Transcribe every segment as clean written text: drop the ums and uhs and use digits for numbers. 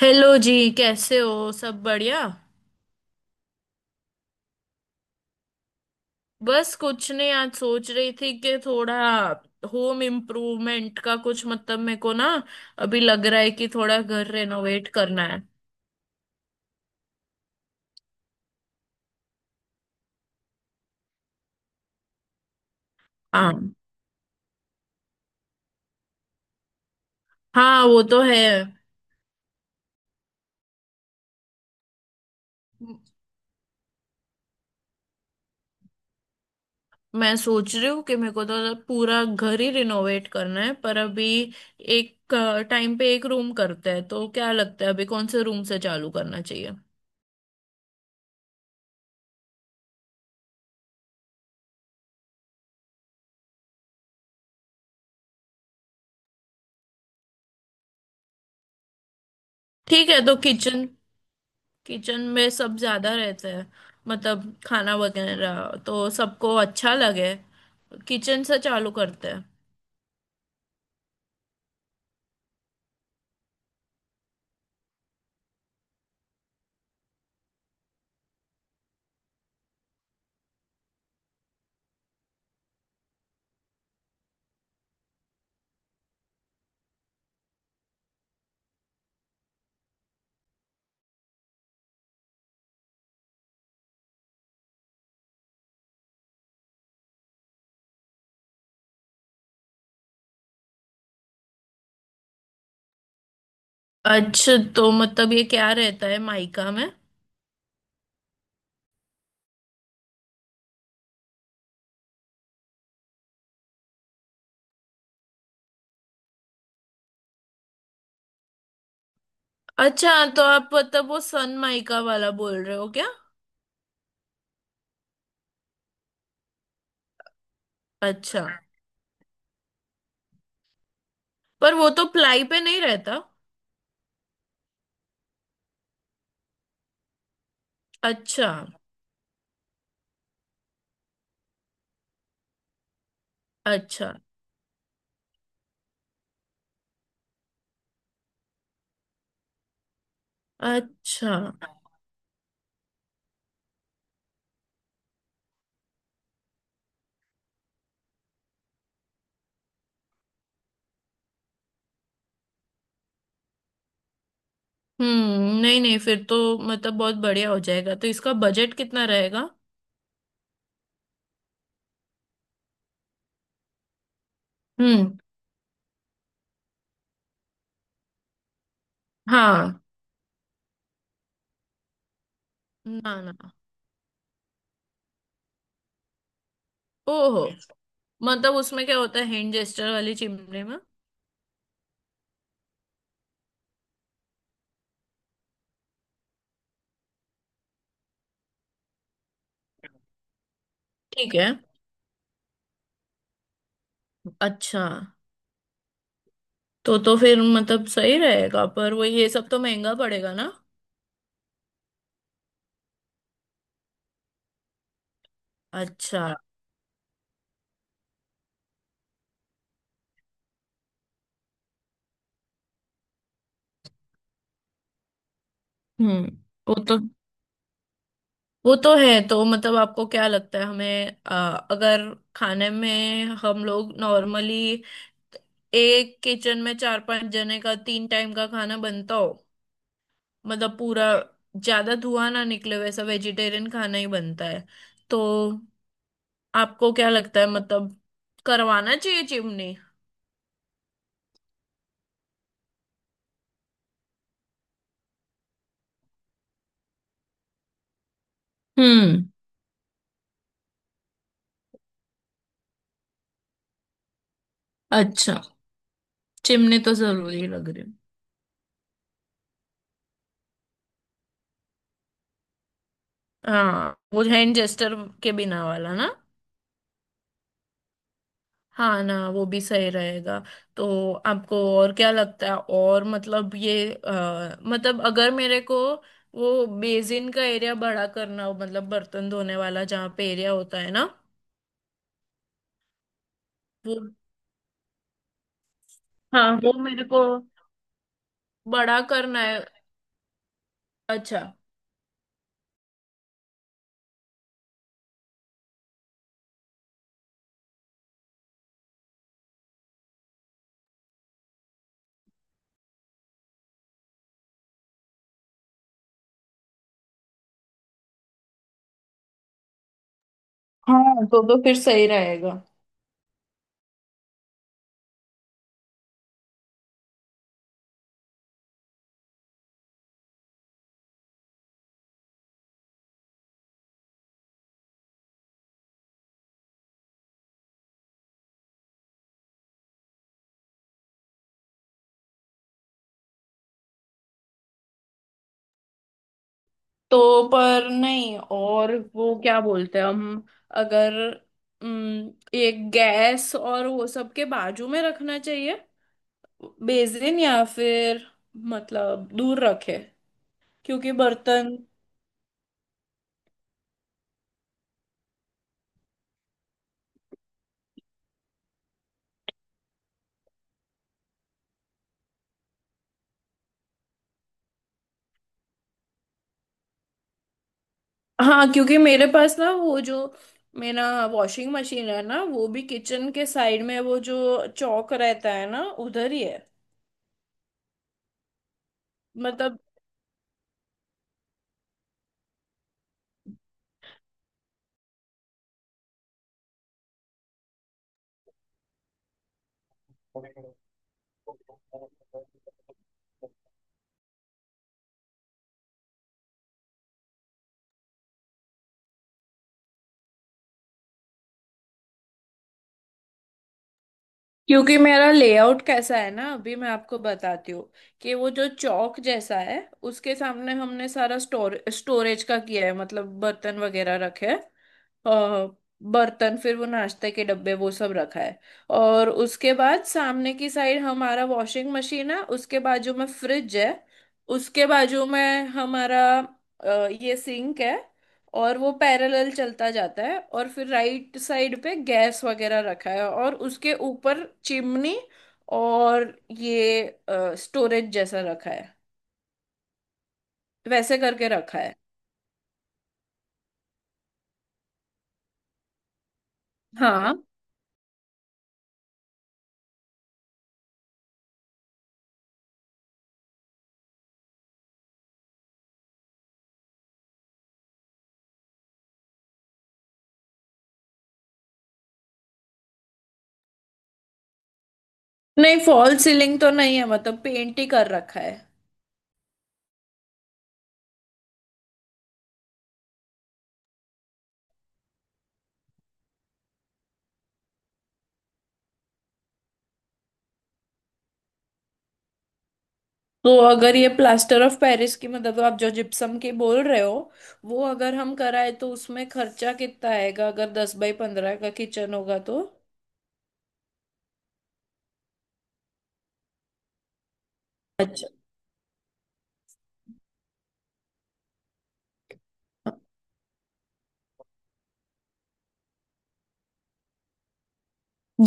Hello जी। कैसे हो। सब बढ़िया। बस कुछ नहीं, आज सोच रही थी कि थोड़ा होम इम्प्रूवमेंट का कुछ, मतलब मेरे को ना अभी लग रहा है कि थोड़ा घर रेनोवेट करना है। हाँ। हाँ वो तो है। म- मैं सोच रही हूँ कि मेरे को तो पूरा घर ही रिनोवेट करना है, पर अभी एक टाइम पे एक रूम करते हैं, तो क्या लगता है अभी कौन से रूम से चालू करना चाहिए। ठीक है, तो किचन। किचन में सब ज्यादा रहते हैं, मतलब खाना वगैरह, तो सबको अच्छा लगे। किचन से चालू करते हैं। अच्छा, तो मतलब ये क्या रहता है माइका में। अच्छा, तो आप मतलब वो सन माइका वाला बोल रहे हो क्या। अच्छा। पर वो तो प्लाई पे नहीं रहता। अच्छा। अच्छा। अच्छा। नहीं नहीं, फिर तो मतलब बहुत बढ़िया हो जाएगा। तो इसका बजट कितना रहेगा। हम्म। हाँ। ना ना। ओहो, मतलब उसमें क्या होता है हैंड जेस्टर वाली चिमनी में। ठीक है। अच्छा, तो फिर मतलब सही रहेगा, पर वो ये सब तो महंगा पड़ेगा ना। अच्छा। हम्म। वो तो वो तो है, तो मतलब आपको क्या लगता है, हमें अगर खाने में हम लोग नॉर्मली एक किचन में चार पांच जने का तीन टाइम का खाना बनता हो, मतलब पूरा ज्यादा धुआं ना निकले, वैसा वेजिटेरियन खाना ही बनता है। तो आपको क्या लगता है, मतलब करवाना चाहिए चिमनी। हम्म। अच्छा, चिमनी तो जरूरी लग रही है। हाँ, वो हैंड जेस्टर के बिना वाला ना। हाँ ना, वो भी सही रहेगा। तो आपको और क्या लगता है, और मतलब ये मतलब अगर मेरे को वो बेसिन का एरिया बड़ा करना हो, मतलब बर्तन धोने वाला जहाँ पे एरिया होता है ना, वो। हाँ वो मेरे को बड़ा करना है। अच्छा। हाँ तो फिर सही रहेगा। तो पर नहीं, और वो क्या बोलते हैं हम, अगर उम, ये गैस और वो सब के बाजू में रखना चाहिए, बेसिन? या फिर मतलब दूर रखे, क्योंकि बर्तन। हाँ, क्योंकि मेरे पास ना वो जो मेरा वॉशिंग मशीन है ना, वो भी किचन के साइड में, वो जो चौक रहता है ना, उधर ही है। मतलब क्योंकि मेरा लेआउट कैसा है ना, अभी मैं आपको बताती हूँ कि वो जो चौक जैसा है, उसके सामने हमने सारा स्टोरेज का किया है, मतलब बर्तन वगैरह रखे हैं, अ, बर्तन, फिर वो नाश्ते के डब्बे, वो सब रखा है। और उसके बाद सामने की साइड हमारा वॉशिंग मशीन है, उसके बाजू में फ्रिज है, उसके बाजू में हमारा ये सिंक है, और वो पैरेलल चलता जाता है। और फिर राइट साइड पे गैस वगैरह रखा है और उसके ऊपर चिमनी। और ये स्टोरेज जैसा रखा है, वैसे करके रखा है। हाँ। नहीं, फॉल सीलिंग तो नहीं है, मतलब पेंट ही कर रखा है। तो अगर ये प्लास्टर ऑफ पेरिस की, मतलब आप जो जिप्सम की बोल रहे हो, वो अगर हम कराए तो उसमें खर्चा कितना आएगा, अगर 10 बाई 15 का किचन होगा तो। अच्छा,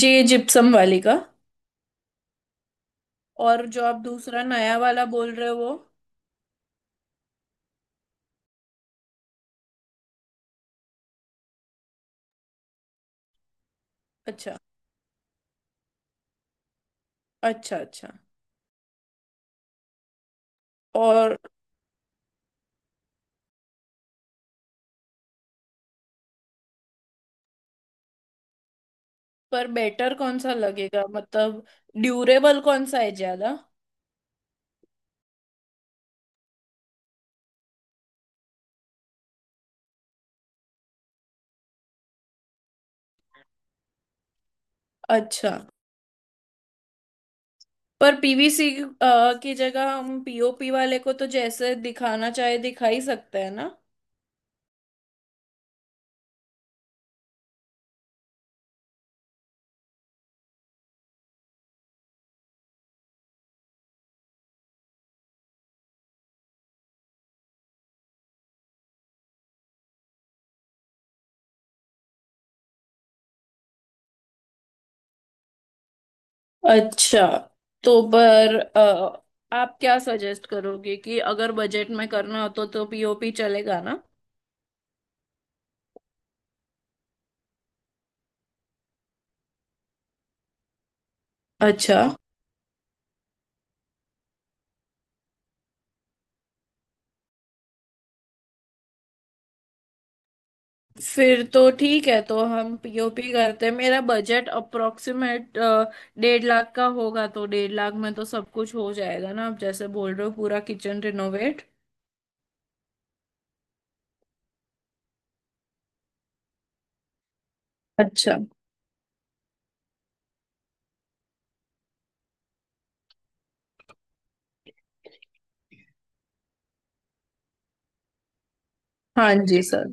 जी जिप्सम वाली का। और जो आप दूसरा नया वाला बोल रहे हो वो। अच्छा। अच्छा। अच्छा। और। पर बेटर कौन सा लगेगा, मतलब ड्यूरेबल कौन सा है ज्यादा। अच्छा, पर पीवीसी की जगह हम पीओपी वाले को तो जैसे दिखाना चाहे दिखा ही सकते हैं ना। अच्छा, तो पर आप क्या सजेस्ट करोगे कि अगर बजट में करना हो तो पीओपी चलेगा ना। अच्छा, फिर तो ठीक है तो हम पीओपी करते हैं। मेरा बजट अप्रोक्सीमेट 1.5 लाख का होगा, तो 1.5 लाख में तो सब कुछ हो जाएगा ना, आप जैसे बोल रहे हो, पूरा किचन रिनोवेट। अच्छा। हाँ जी सर।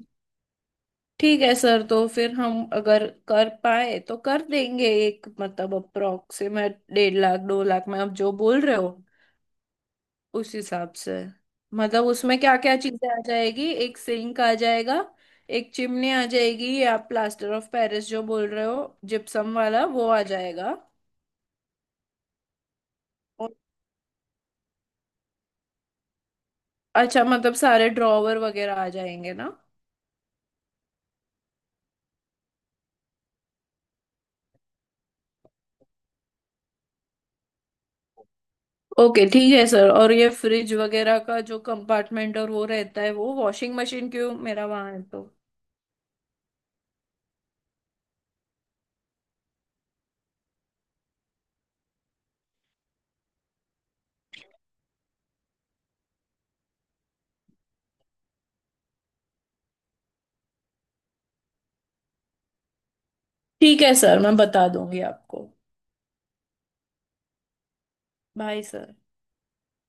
ठीक है सर, तो फिर हम अगर कर पाए तो कर देंगे एक, मतलब अप्रोक्सीमेट 1.5 लाख 2 लाख में आप जो बोल रहे हो उस हिसाब से, मतलब उसमें क्या क्या चीजें आ जाएगी, एक सिंक आ जाएगा, एक चिमनी आ जाएगी, ये आप प्लास्टर ऑफ पेरिस जो बोल रहे हो जिप्सम वाला वो आ जाएगा। और- अच्छा, मतलब सारे ड्रॉवर वगैरह आ जाएंगे ना। ओके ठीक है सर, और ये फ्रिज वगैरह का जो कंपार्टमेंट और वो रहता है, वो वॉशिंग मशीन क्यों मेरा वहां है तो। ठीक है सर, मैं बता दूंगी आपको। Bye sir.